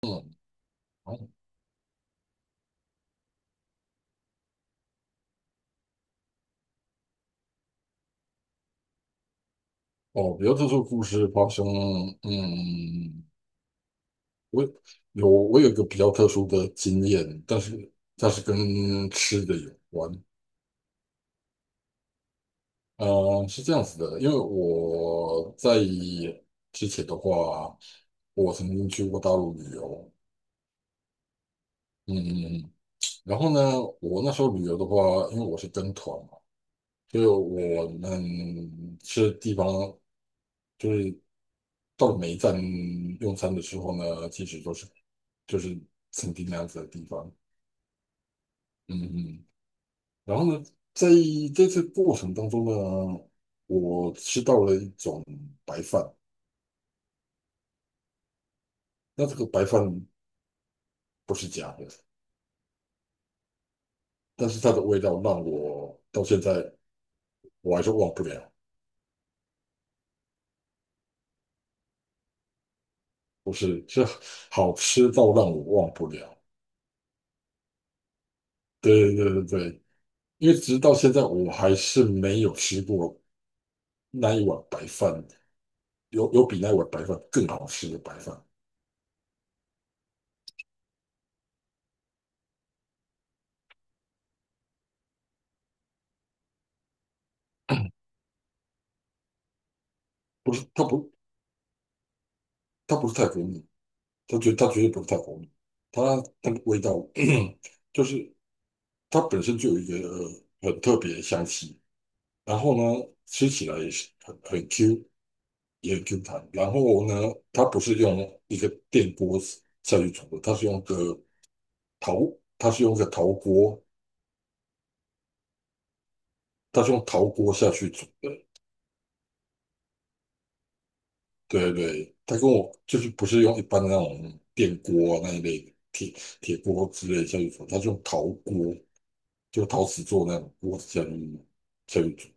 嗯，哦，比较特殊的故事发生，嗯，我我有一个比较特殊的经验，但是它是跟吃的有关。是这样子的，因为我在之前的话，我曾经去过大陆旅游，嗯，然后呢，我那时候旅游的话，因为我是跟团嘛，所以我们去的地方就是到了每一站用餐的时候呢，其实都是就是曾经那样子的地方，嗯嗯。然后呢，在这次过程当中呢，我吃到了一种白饭，那这个白饭不是假的，但是它的味道让我到现在我还是忘不了，不是，是好吃到让我忘不了，对对对对，因为直到现在我还是没有吃过那一碗白饭。有比那碗白饭更好吃的白饭，不是它不是泰国米，它绝对不是泰国米，它那个味道 就是它本身就有一个很特别的香气，然后呢吃起来也是很 Q 也很 Q 弹，然后呢它不是用一个电锅下去煮的，陶它是用个陶锅，它是用陶锅下去煮的。对对，他跟我就是不是用一般的那种电锅啊那一类的铁锅之类的下去煮，他是用陶锅，就陶瓷做那种锅子下去煮，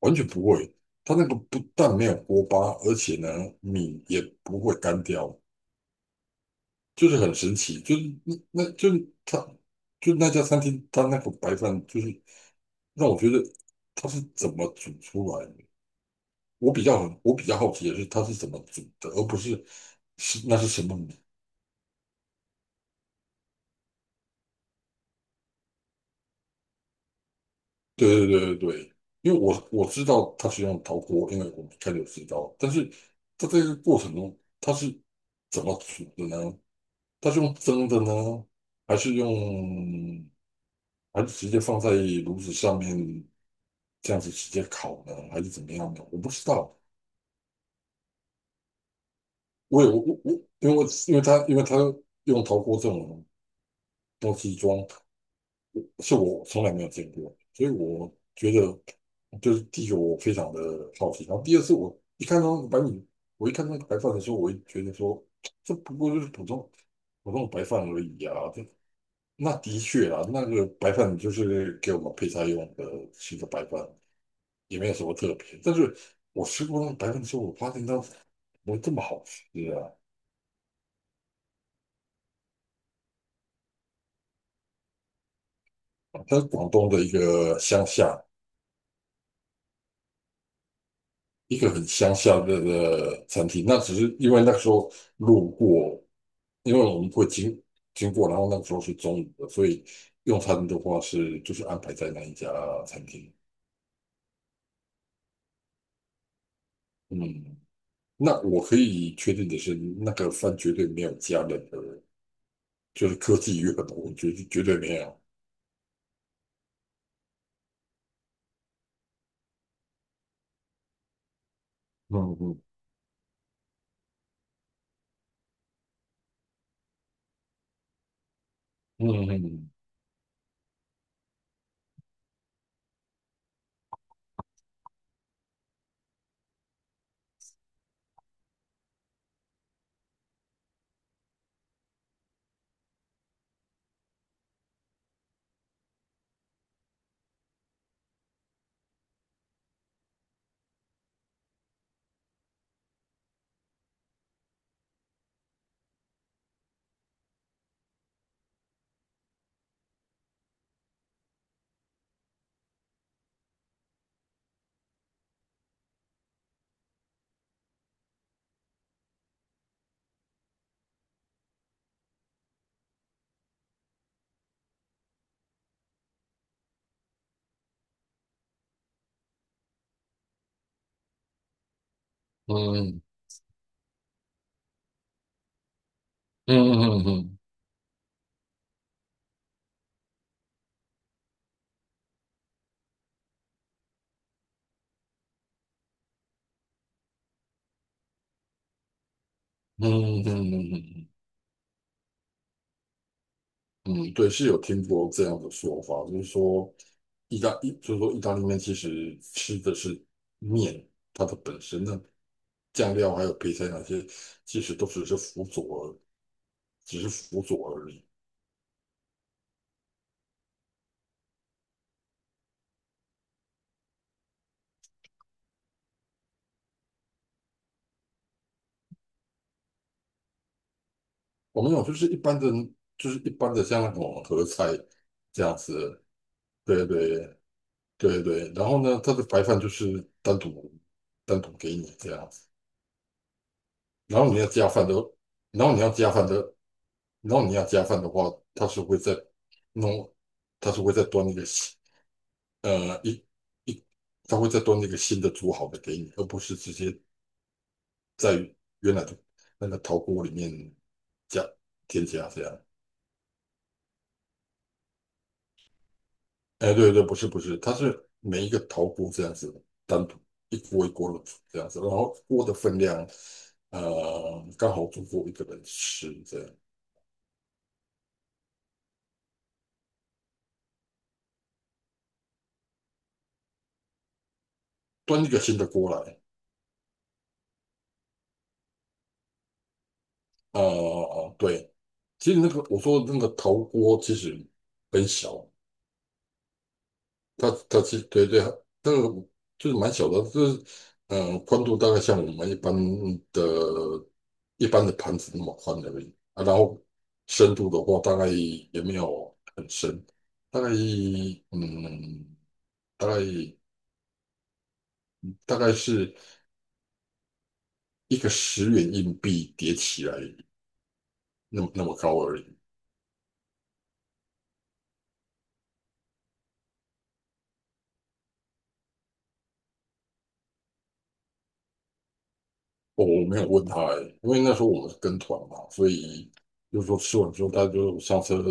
完全不会。它那个不但没有锅巴，而且呢米也不会干掉，就是很神奇。就是那就是它就那家餐厅，它那个白饭就是让我觉得它是怎么煮出来的。我比较好奇的是它是怎么煮的，而不是是那是什么。对对对对对，因为我知道他是用陶锅，因为我们开始有知道，但是他在这个过程中他是怎么煮的呢？他是用蒸的呢，还是用还是直接放在炉子上面这样子直接烤呢，还是怎么样呢？我不知道，我也我我我，因为他用陶锅这种东西装是我从来没有见过，所以我觉得就是第一个我非常的好奇，然后第二次我一看到白米，我一看到白饭的时候，我也觉得说这不过就是普通的白饭而已啊，这那的确啊，那个白饭就是给我们配菜用的是的白饭，也没有什么特别。但是我吃过那个白饭之后，我发现它怎么这么好吃啊！它是广东的一个很乡下的餐厅，那只是因为那时候路过，因为我们会经过，然后那个时候是中午的，所以用餐的话就是安排在那一家餐厅。嗯，那我可以确定的是，那个饭绝对没有加任何，就是科技与狠活，绝对绝对没有。嗯嗯嗯嗯嗯嗯嗯嗯嗯嗯嗯嗯嗯嗯。嗯，对，是有听过这样的说法，就是说意大利面其实吃的是面它的本身，那酱料还有配菜那些，其实都只是辅佐而只是辅佐而已。我们有就是一般的，就是一般的像那种合菜这样子，对对对对。然后呢，它的白饭就是单独给你这样子，然后你要加饭的，然后你要加饭的，然后你要加饭的话，弄，他是会再端一个新呃一一，他会再端一个新的煮好的给你，而不是直接在原来的那个陶锅里面加添加这样。哎，对对，不是不是，它是每一个陶锅这样子单独一锅一锅的煮这样子，然后锅的分量刚好足够一个人吃这样，端一个新的锅来。哦哦哦，对，其实那个我说的那个陶锅其实很小，它其实对对，那个就是蛮小的，就是宽度大概像我们一般的盘子那么宽而已啊。然后深度的话，大概也没有很深，大概嗯，大概大概是一个10元硬币叠起来那么高而已。我没有问他欸，因为那时候我们是跟团嘛，所以就是说吃完之后，他就上车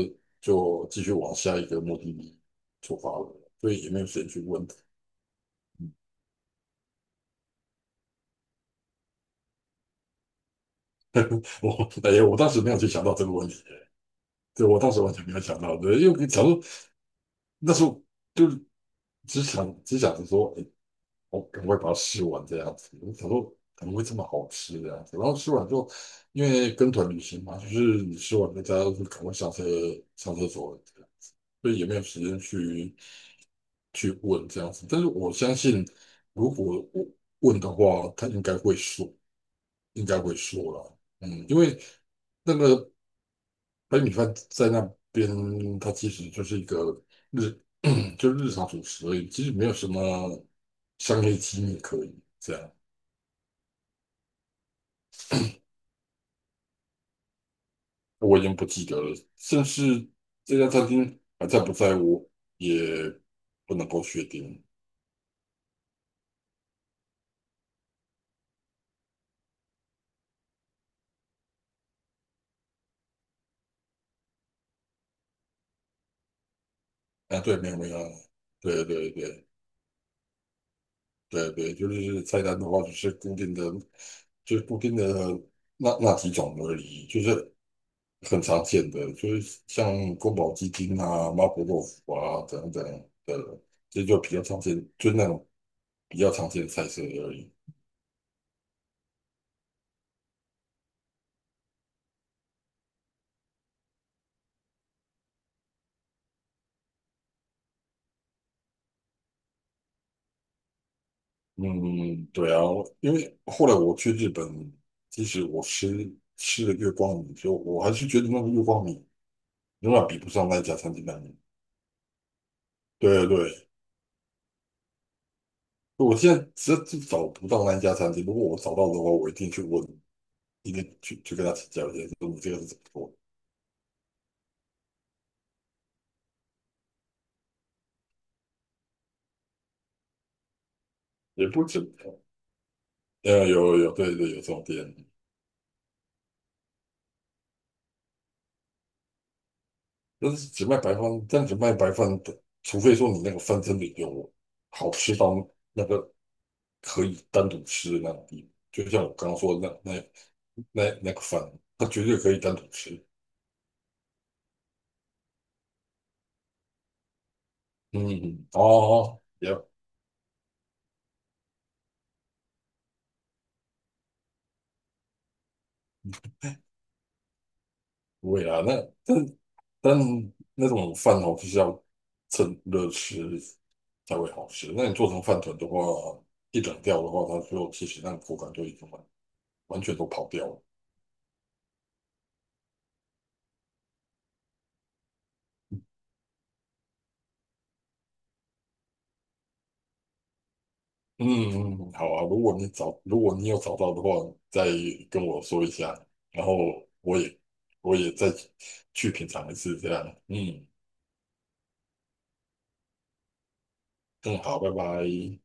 就继续往下一个目的地出发了，所以也没有时间去问。哎呀，我当时没有去想到这个问题欸。对，我当时完全没有想到，对，因为想说那时候就是只想着说，哎，我赶快把它吃完这样子。我想说怎么会这么好吃这样子？然后吃完之后，因为跟团旅行嘛，就是你吃完大家就赶快上车上厕所这样子，所以也没有时间去问这样子。但是我相信，如果问问的话，他应该会说，应该会说了。嗯，因为那个白米饭在那边，它其实就是一个日，就是日常主食而已，其实没有什么商业机密可以这样。我已经不记得了，甚至这家餐厅还在不在我也不能够确定。啊，对，没有没有，对对对对对，就是菜单的话，就是固定的那几种而已，就是很常见的，就是像宫保鸡丁啊、麻婆豆腐啊等等的，这就比较常见，就那种比较常见的菜色而已。嗯，对啊，因为后来我去日本，即使我吃了月光米，就我还是觉得那个月光米永远比不上那一家餐厅的米。对对，我现在实在是找不到那一家餐厅，如果我找到的话，我一定去问，一定去跟他请教一下，说你这个是怎么做，也不止，有有有，对对，有这种店。就是只卖白饭，但只卖白饭的，除非说你那个饭真的有好吃到那个可以单独吃的那种地步，就像我刚刚说的那个饭，它绝对可以单独吃。嗯，嗯哦，也不会啦，那但但那种饭哦，就是要趁热吃才会好吃。那你做成饭团的话，一冷掉的话，它就其实那个口感就已经完全都跑掉了。嗯嗯，嗯好啊。如果你有找到的话，再跟我说一下，然后我也我也再去品尝一次，这样。嗯，更好，拜拜。